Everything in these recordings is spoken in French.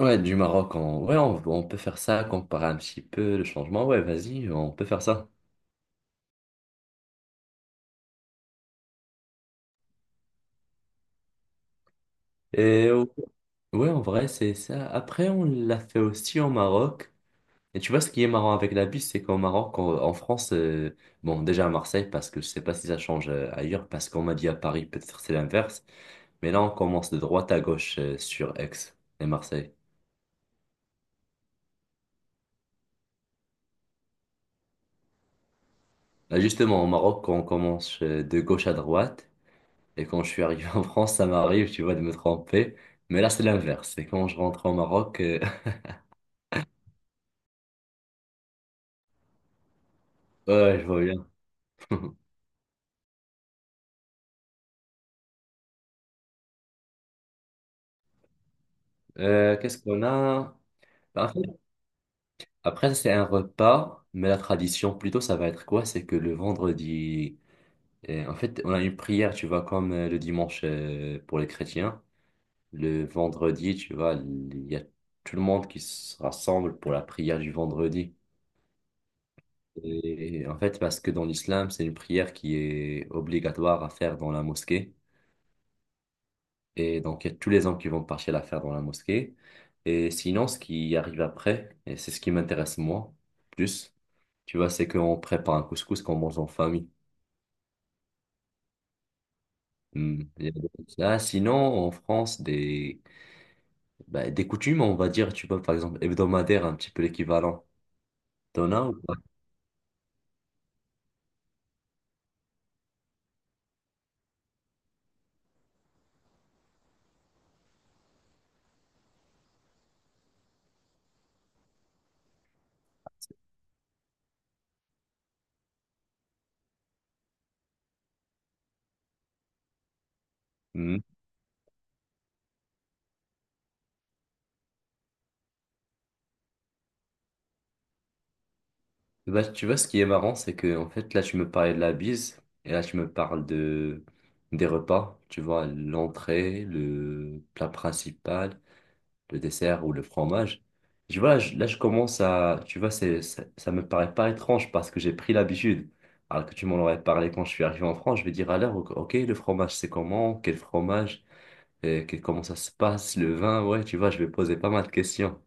Ouais, du Maroc, on... Ouais, on peut faire ça, comparer un petit peu le changement. Ouais, vas-y, on peut faire ça. Et euh, ouais, en vrai, c'est ça. Après, on l'a fait aussi au Maroc. Et tu vois, ce qui est marrant avec la bus, c'est qu'au Maroc, en France, bon, déjà à Marseille, parce que je sais pas si ça change ailleurs, parce qu'on m'a dit à Paris, peut-être c'est l'inverse. Mais là, on commence de droite à gauche sur Aix et Marseille. Là, justement, au Maroc, on commence de gauche à droite. Et quand je suis arrivé en France, ça m'arrive, tu vois, de me tromper. Mais là, c'est l'inverse. Et quand je rentre au Maroc, ouais, je vois bien. Qu'est-ce qu'on a? Bah, en fait, après, ça, c'est un repas, mais la tradition, plutôt, ça va être quoi? C'est que le vendredi, en fait, on a une prière, tu vois, comme le dimanche pour les chrétiens. Le vendredi, tu vois, il y a tout le monde qui se rassemble pour la prière du vendredi. Et en fait, parce que dans l'islam, c'est une prière qui est obligatoire à faire dans la mosquée. Et donc, il y a tous les hommes qui vont partir la faire dans la mosquée. Et sinon, ce qui arrive après, et c'est ce qui m'intéresse moi plus, tu vois, c'est qu'on prépare un couscous qu'on mange en famille. Hmm. Il y a des trucs comme ça. Sinon, en France, des, bah, des coutumes, on va dire, tu vois, par exemple, hebdomadaire, un petit peu l'équivalent. T'en as ou pas? Hmm. Bah, tu vois, ce qui est marrant, c'est que, en fait, là, tu me parlais de la bise, et là, tu me parles de, des repas, tu vois, l'entrée, le plat principal. Le dessert ou le fromage. Je vois, là, je commence à, tu vois, c'est, ça me paraît pas étrange parce que j'ai pris l'habitude. Alors que tu m'en aurais parlé quand je suis arrivé en France, je vais dire alors, ok, ok, le fromage, c'est comment? Quel fromage? Et comment ça se passe? Le vin? Ouais, tu vois, je vais poser pas mal de questions.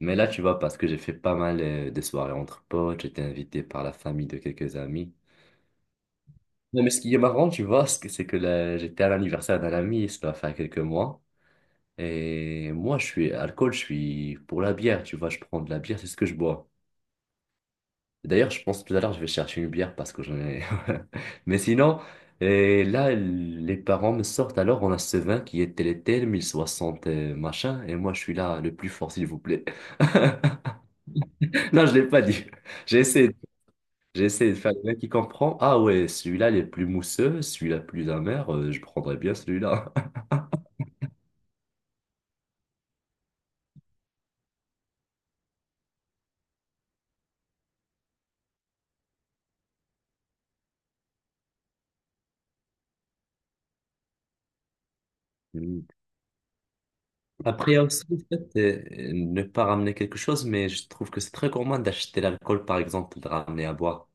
Mais là, tu vois, parce que j'ai fait pas mal de soirées entre potes, j'étais invité par la famille de quelques amis. Non, mais ce qui est marrant, tu vois, c'est que là, j'étais à l'anniversaire d'un ami, ça va faire quelques mois. Et moi, je suis alcool, je suis pour la bière, tu vois, je prends de la bière, c'est ce que je bois. D'ailleurs, je pense tout à l'heure, je vais chercher une bière parce que j'en ai. Mais sinon, et là, les parents me sortent, alors on a ce vin qui est tel et tel, 1060 machin, et moi, je suis là, le plus fort, s'il vous plaît. Non, je l'ai pas dit. J'ai essayé, j'ai essayé de faire le vin qui comprend. Ah ouais, celui-là, il est plus mousseux, celui-là, plus amer, je prendrais bien celui-là. Après, il y a aussi le fait de ne pas ramener quelque chose, mais je trouve que c'est très gourmand d'acheter l'alcool, par exemple, de ramener à boire.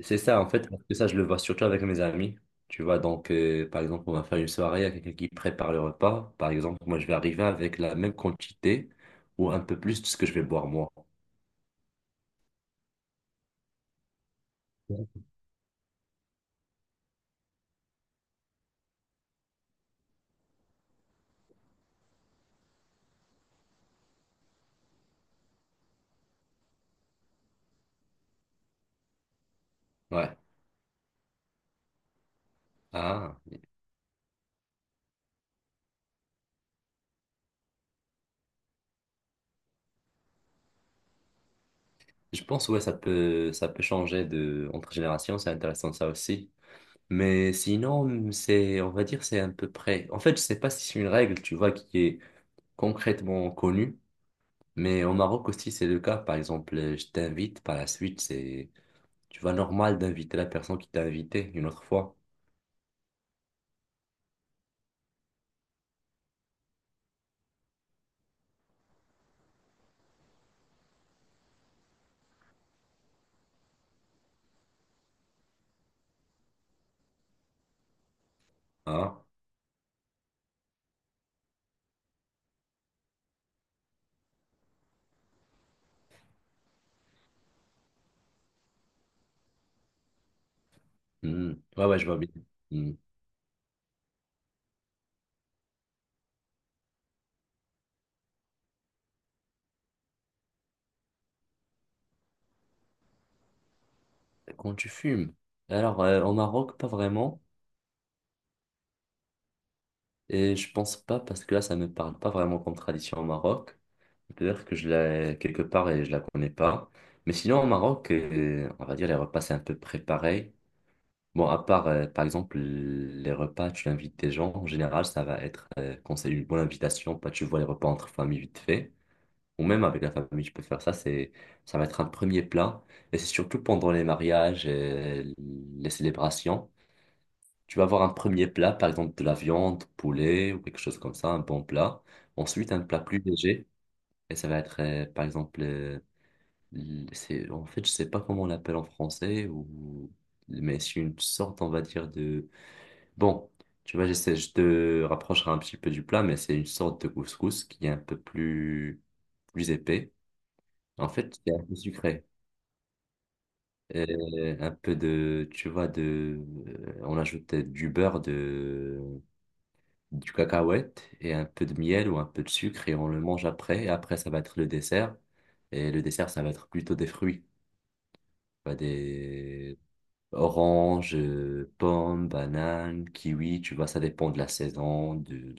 C'est ça, en fait, parce que ça, je le vois surtout avec mes amis. Tu vois, donc, par exemple, on va faire une soirée, il y a quelqu'un qui prépare le repas. Par exemple, moi, je vais arriver avec la même quantité ou un peu plus de ce que je vais boire moi. Ouais. Ouais. Ah, je pense, ouais, ça peut changer de, entre générations, c'est intéressant ça aussi. Mais sinon, c'est, on va dire, c'est à peu près. En fait, je sais pas si c'est une règle, tu vois, qui est concrètement connu, mais au Maroc aussi c'est le cas. Par exemple, je t'invite, par la suite, c'est, tu vois, normal d'inviter la personne qui t'a invité une autre fois. Hein? Hmm. Ouais, ouais, je vois bien. Hmm. Quand tu fumes. Alors, au Maroc, pas vraiment. Et je pense pas, parce que là, ça me parle pas vraiment comme tradition au Maroc. Peut-être que je l'ai quelque part et je la connais pas. Mais sinon, au Maroc, on va dire, les repas, c'est un peu préparé. Bon, à part, par exemple, les repas, tu invites des gens, en général, ça va être, quand c'est une bonne invitation, pas tu vois les repas entre famille vite fait, ou même avec la famille, tu peux faire ça, c'est, ça va être un premier plat, et c'est surtout pendant les mariages et les célébrations, tu vas avoir un premier plat, par exemple de la viande, poulet, ou quelque chose comme ça, un bon plat, ensuite un plat plus léger, et ça va être, par exemple, c'est, en fait, je sais pas comment on l'appelle en français, ou, mais c'est une sorte, on va dire, de bon, tu vois, j'essaie, je te rapprocherai un petit peu du plat, mais c'est une sorte de couscous qui est un peu plus, plus épais. En fait, c'est un peu sucré. Un peu de, tu vois, de, on ajoute du beurre, de, du cacahuète et un peu de miel ou un peu de sucre et on le mange après. Et après, ça va être le dessert. Et le dessert, ça va être plutôt des fruits. Pas. Des oranges, pommes, bananes, kiwis, tu vois, ça dépend de la saison de,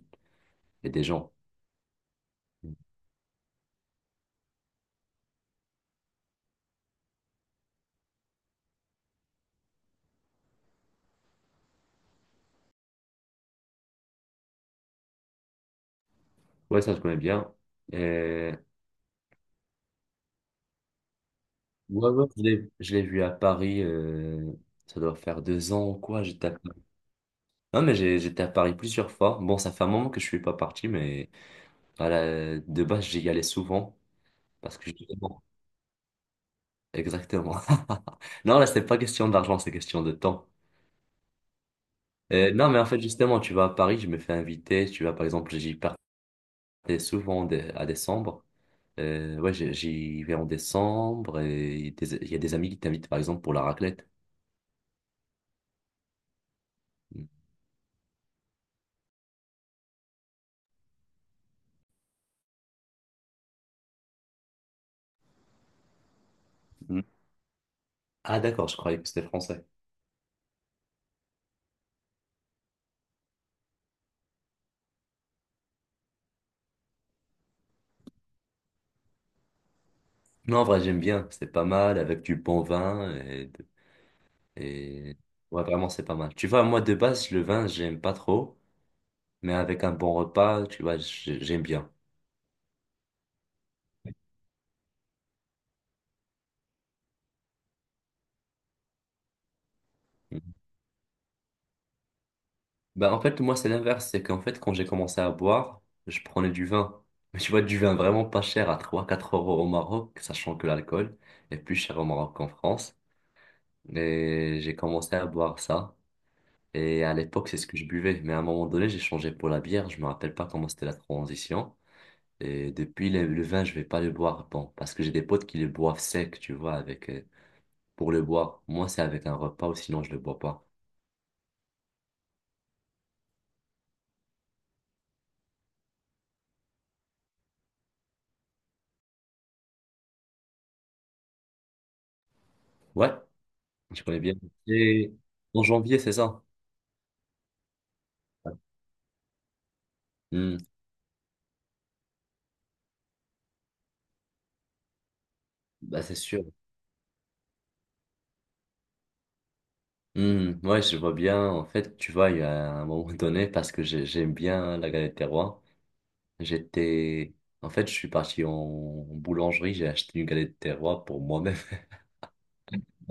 et des gens. Ouais, ça, je connais bien. Euh, ouais, ouais, je l'ai vu à Paris, ça doit faire 2 ans ou quoi, j'étais à Paris. Non, mais j'étais à Paris plusieurs fois. Bon, ça fait un moment que je suis pas parti, mais voilà, de base, j'y allais souvent, parce que justement, exactement. Non, là, c'est pas question d'argent, c'est question de temps. Non, mais en fait, justement, tu vas à Paris, je me fais inviter, tu vas, par exemple, j'y partais souvent à décembre. Ouais, j'y vais en décembre, et il y a des amis qui t'invitent, par exemple, pour la raclette. Ah d'accord, je croyais que c'était français. Non, en vrai, j'aime bien. C'est pas mal avec du bon vin et, et... Ouais, vraiment, c'est pas mal. Tu vois, moi, de base, le vin, j'aime pas trop, mais avec un bon repas, tu vois, j'aime bien. Bah, en fait, moi, c'est l'inverse. C'est qu'en fait, quand j'ai commencé à boire, je prenais du vin. Mais tu vois, du vin vraiment pas cher à 3 4 € au Maroc, sachant que l'alcool est plus cher au Maroc qu'en France. Et j'ai commencé à boire ça. Et à l'époque, c'est ce que je buvais. Mais à un moment donné, j'ai changé pour la bière. Je me rappelle pas comment c'était la transition. Et depuis le vin, je vais pas le boire. Bon, parce que j'ai des potes qui le boivent sec, tu vois, avec pour le boire. Moi, c'est avec un repas ou sinon je le bois pas. Ouais, je connais bien. Et en janvier, c'est ça. Hmm, Bah, c'est sûr. Ouais, je vois bien. En fait, tu vois, il y a un moment donné, parce que j'aime bien la galette des rois. J'étais. En fait, je suis parti en boulangerie, j'ai acheté une galette des rois pour moi-même.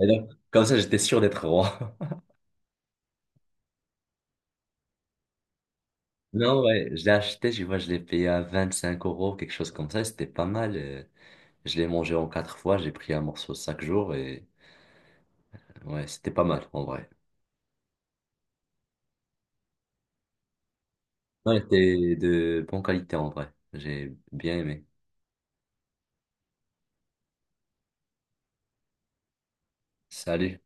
Et donc, comme ça, j'étais sûr d'être roi. Non, ouais, je l'ai acheté, je vois, je l'ai payé à 25 euros, quelque chose comme ça, et c'était pas mal. Je l'ai mangé en quatre fois, j'ai pris un morceau chaque jour, et ouais, c'était pas mal, en vrai. Ouais, c'était de bonne qualité, en vrai. J'ai bien aimé. Salut.